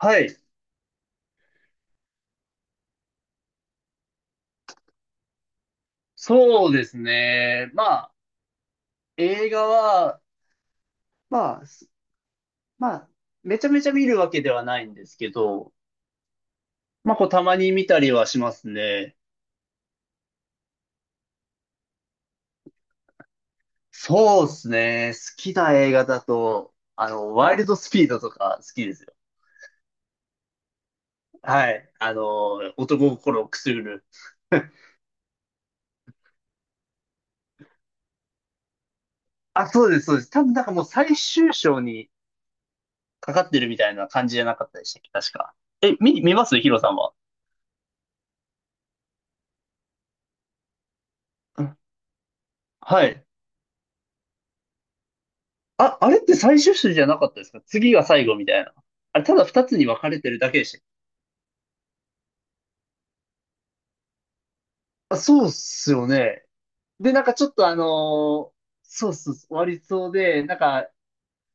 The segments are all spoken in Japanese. はい。そうですね。まあ、映画は、まあ、すまあ、めちゃめちゃ見るわけではないんですけど、まあ、こう、たまに見たりはしますね。そうですね。好きな映画だと、ワイルドスピードとか好きですよ。はい。男心をくすぐる。あ、そうです、そうです。多分なんかもう最終章にかかってるみたいな感じじゃなかったでしたっけ、確か。見ますヒロさんは？うん。はい。あ、あれって最終種じゃなかったですか？次が最後みたいな。あれ、ただ二つに分かれてるだけでしたっけ？あ、そうっすよね。で、なんかちょっとーそうそうそう、終わりそうで、なんか、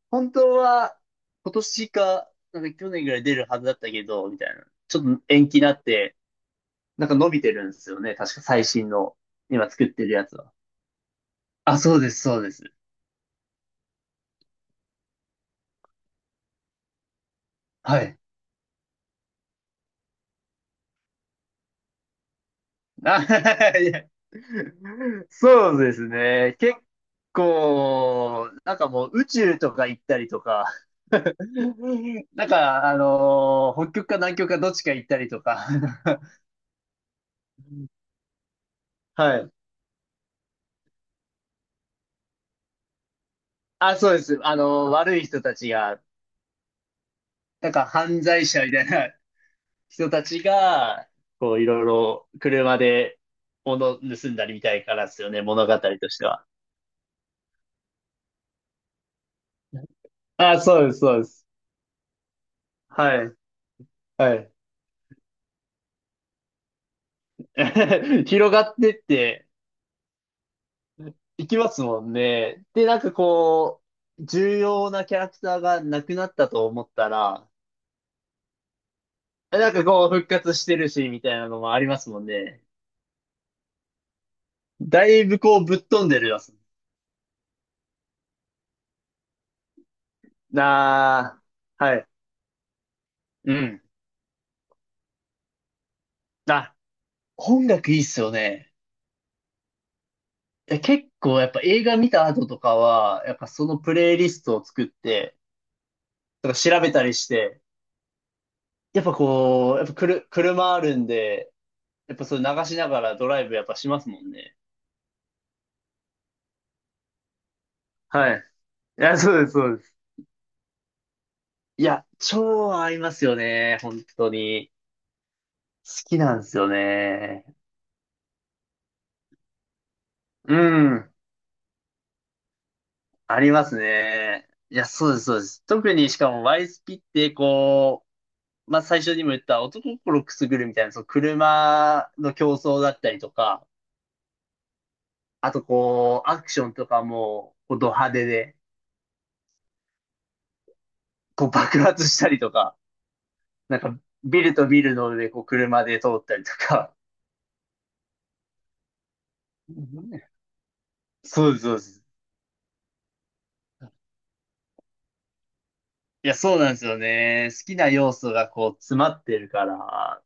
本当は今年か、なんか去年ぐらい出るはずだったけど、みたいな。ちょっと延期になって、なんか伸びてるんですよね。確か最新の、今作ってるやつは。あ、そうです、そうです。はい。あ、いや、そうですね。結構、なんかもう宇宙とか行ったりとか、なんか、北極か南極かどっちか行ったりとか、はい。あ、そうです。悪い人たちが、なんか犯罪者みたいな人たちが、こう、いろいろ車で物盗んだりみたいからですよね、物語としては。あ、そうです、そうです。はい、はい。広がってって、行きますもんね。で、なんかこう、重要なキャラクターがなくなったと思ったら、なんかこう復活してるし、みたいなのもありますもんね。だいぶこうぶっ飛んでるやつ。なあ、はい。うん。あ、音楽いいっすよね。結構やっぱ映画見た後とかは、やっぱそのプレイリストを作って、とか調べたりして、やっぱこう、やっぱ車あるんで、やっぱそれ流しながらドライブやっぱしますもんね。はい。いや、そうです、そうです。いや、超合いますよね。本当に。好きなんですよね。うん。ありますね。いや、そうです、そうです。特にしかもワイスピって、こう、まあ、最初にも言った男心くすぐるみたいな、その車の競争だったりとか、あとこう、アクションとかも、こう、ド派手で、こう、爆発したりとか、なんか、ビルとビルの上、こう、車で通ったりとか。うん。そうです、そうです。いや、そうなんですよね。好きな要素がこう詰まってるから。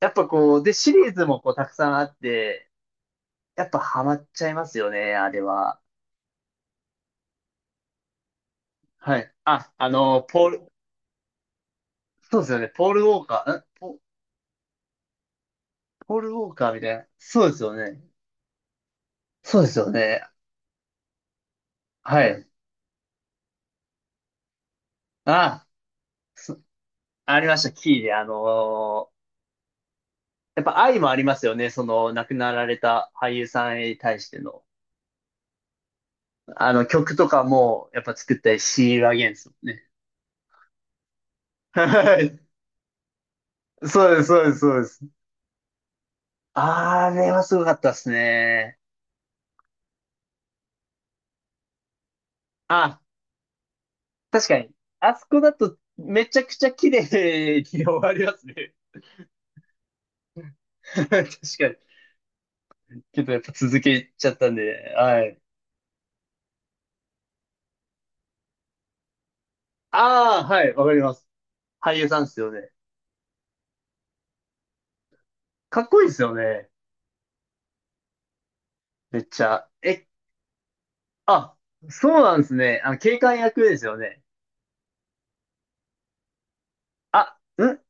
やっぱこう、で、シリーズもこうたくさんあって、やっぱハマっちゃいますよね、あれは。はい。あ、ポール、そうですよね。ポールウォーカーみたいな。そうですよね。そうですよね。はい。あ、そありました、キーで。やっぱ愛もありますよね。その亡くなられた俳優さんに対しての。あの曲とかも、やっぱ作ったり、シールアゲンストもね。はい。そうです、そうです、そうです。あれはすごかったですね。あ、確かに。あそこだとめちゃくちゃ綺麗に終わりますね。確かに。けどやっぱ続けちゃったんで、はい。ああ、はい、わかります。俳優さんですよね。かっこいいですよね。めっちゃ。あ、そうなんですね。警官役ですよね。あ、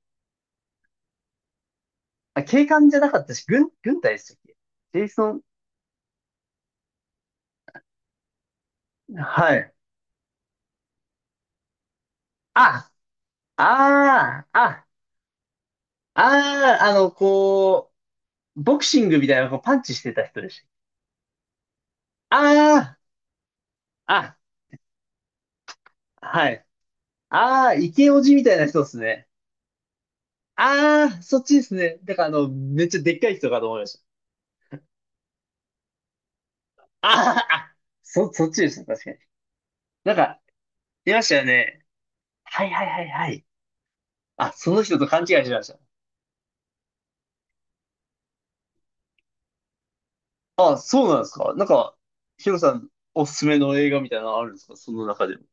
あ、警官じゃなかったし、軍隊でしたっけ？ジェイソン、はい。あ、ああ、あ、ああ、こう、ボクシングみたいな、こう、パンチしてた人でした。ああ、あ、はい。ああ、イケオジみたいな人ですね。ああ、そっちですね。だから、めっちゃでっかい人かと思いました。あーあ、そっちですね。確かに。なんか、いましたよね。はい、はい、はい、はい。あ、その人と勘違いしてました。あ、そうなんですか？なんか、ヒロさん、おすすめの映画みたいなのあるんですか、その中でも？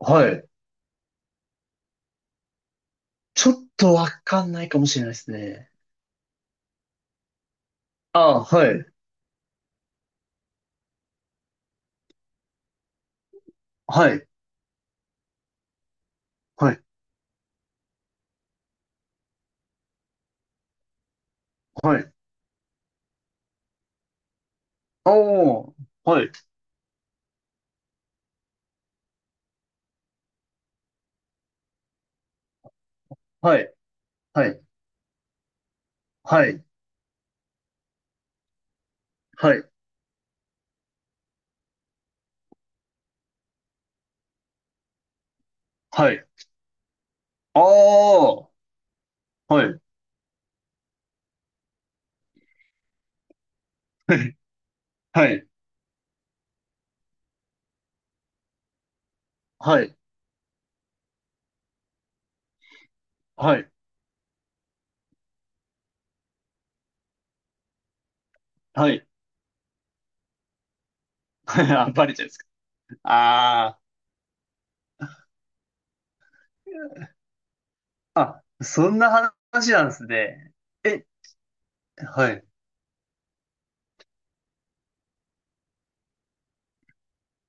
はい。ちょっとわかんないかもしれないですね。ああ、はい。はい。はい。はい。おー。はい。はい。はい。はい。はい。はい。あー。はい。はい。はい。はい。はい。はい。あ、バレちゃうんですか？あー。あ、そんな話なんですね。え、はい。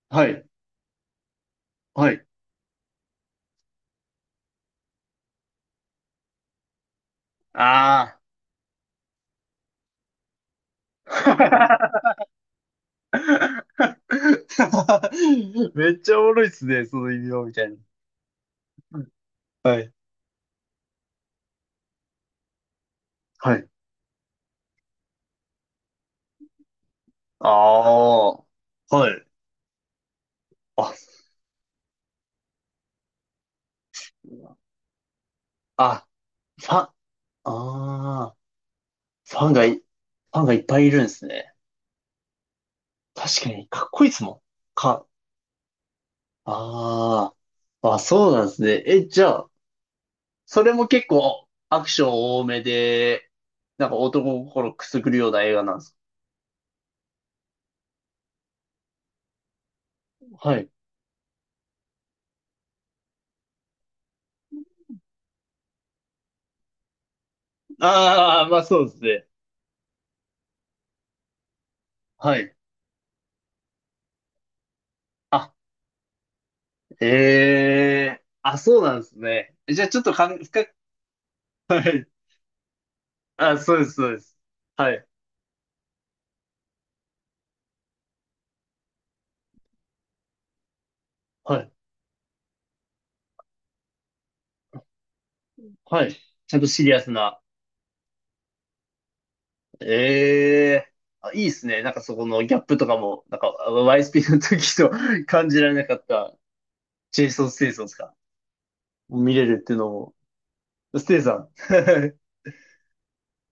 はい。はい。あー。めっちゃおもろいっすね、その異名みたいな。はい。はい。ああ。はい。あ、あ、ああ。ファンがいっぱいいるんですね。確かに、かっこいいですもん。か、ああ、あ、そうなんですね。じゃあ、それも結構アクション多めで、なんか男心くすぐるような映画なんですか？はい。ああ、まあそうですね。はい。あ、ええーあ、そうなんですね。じゃあちょっと深く、はい。あ、そうです、そうです。はい。はい。はい。ちゃんとシリアスな。ええいいっすね。なんかそこのギャップとかも、なんか YSP の時と 感じられなかったジェイソン・ステイソンですか？見れるっていうのも、ステイさん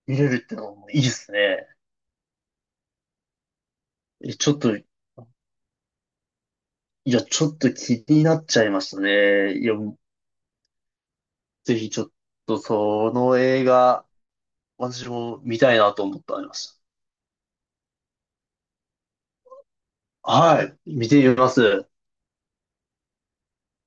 見れるっていうのもいいっすね。ちょっと、いや、ちょっと気になっちゃいましたね。いや、ぜひちょっとその映画、私も見たいなと思ってありました。はい、見てみます。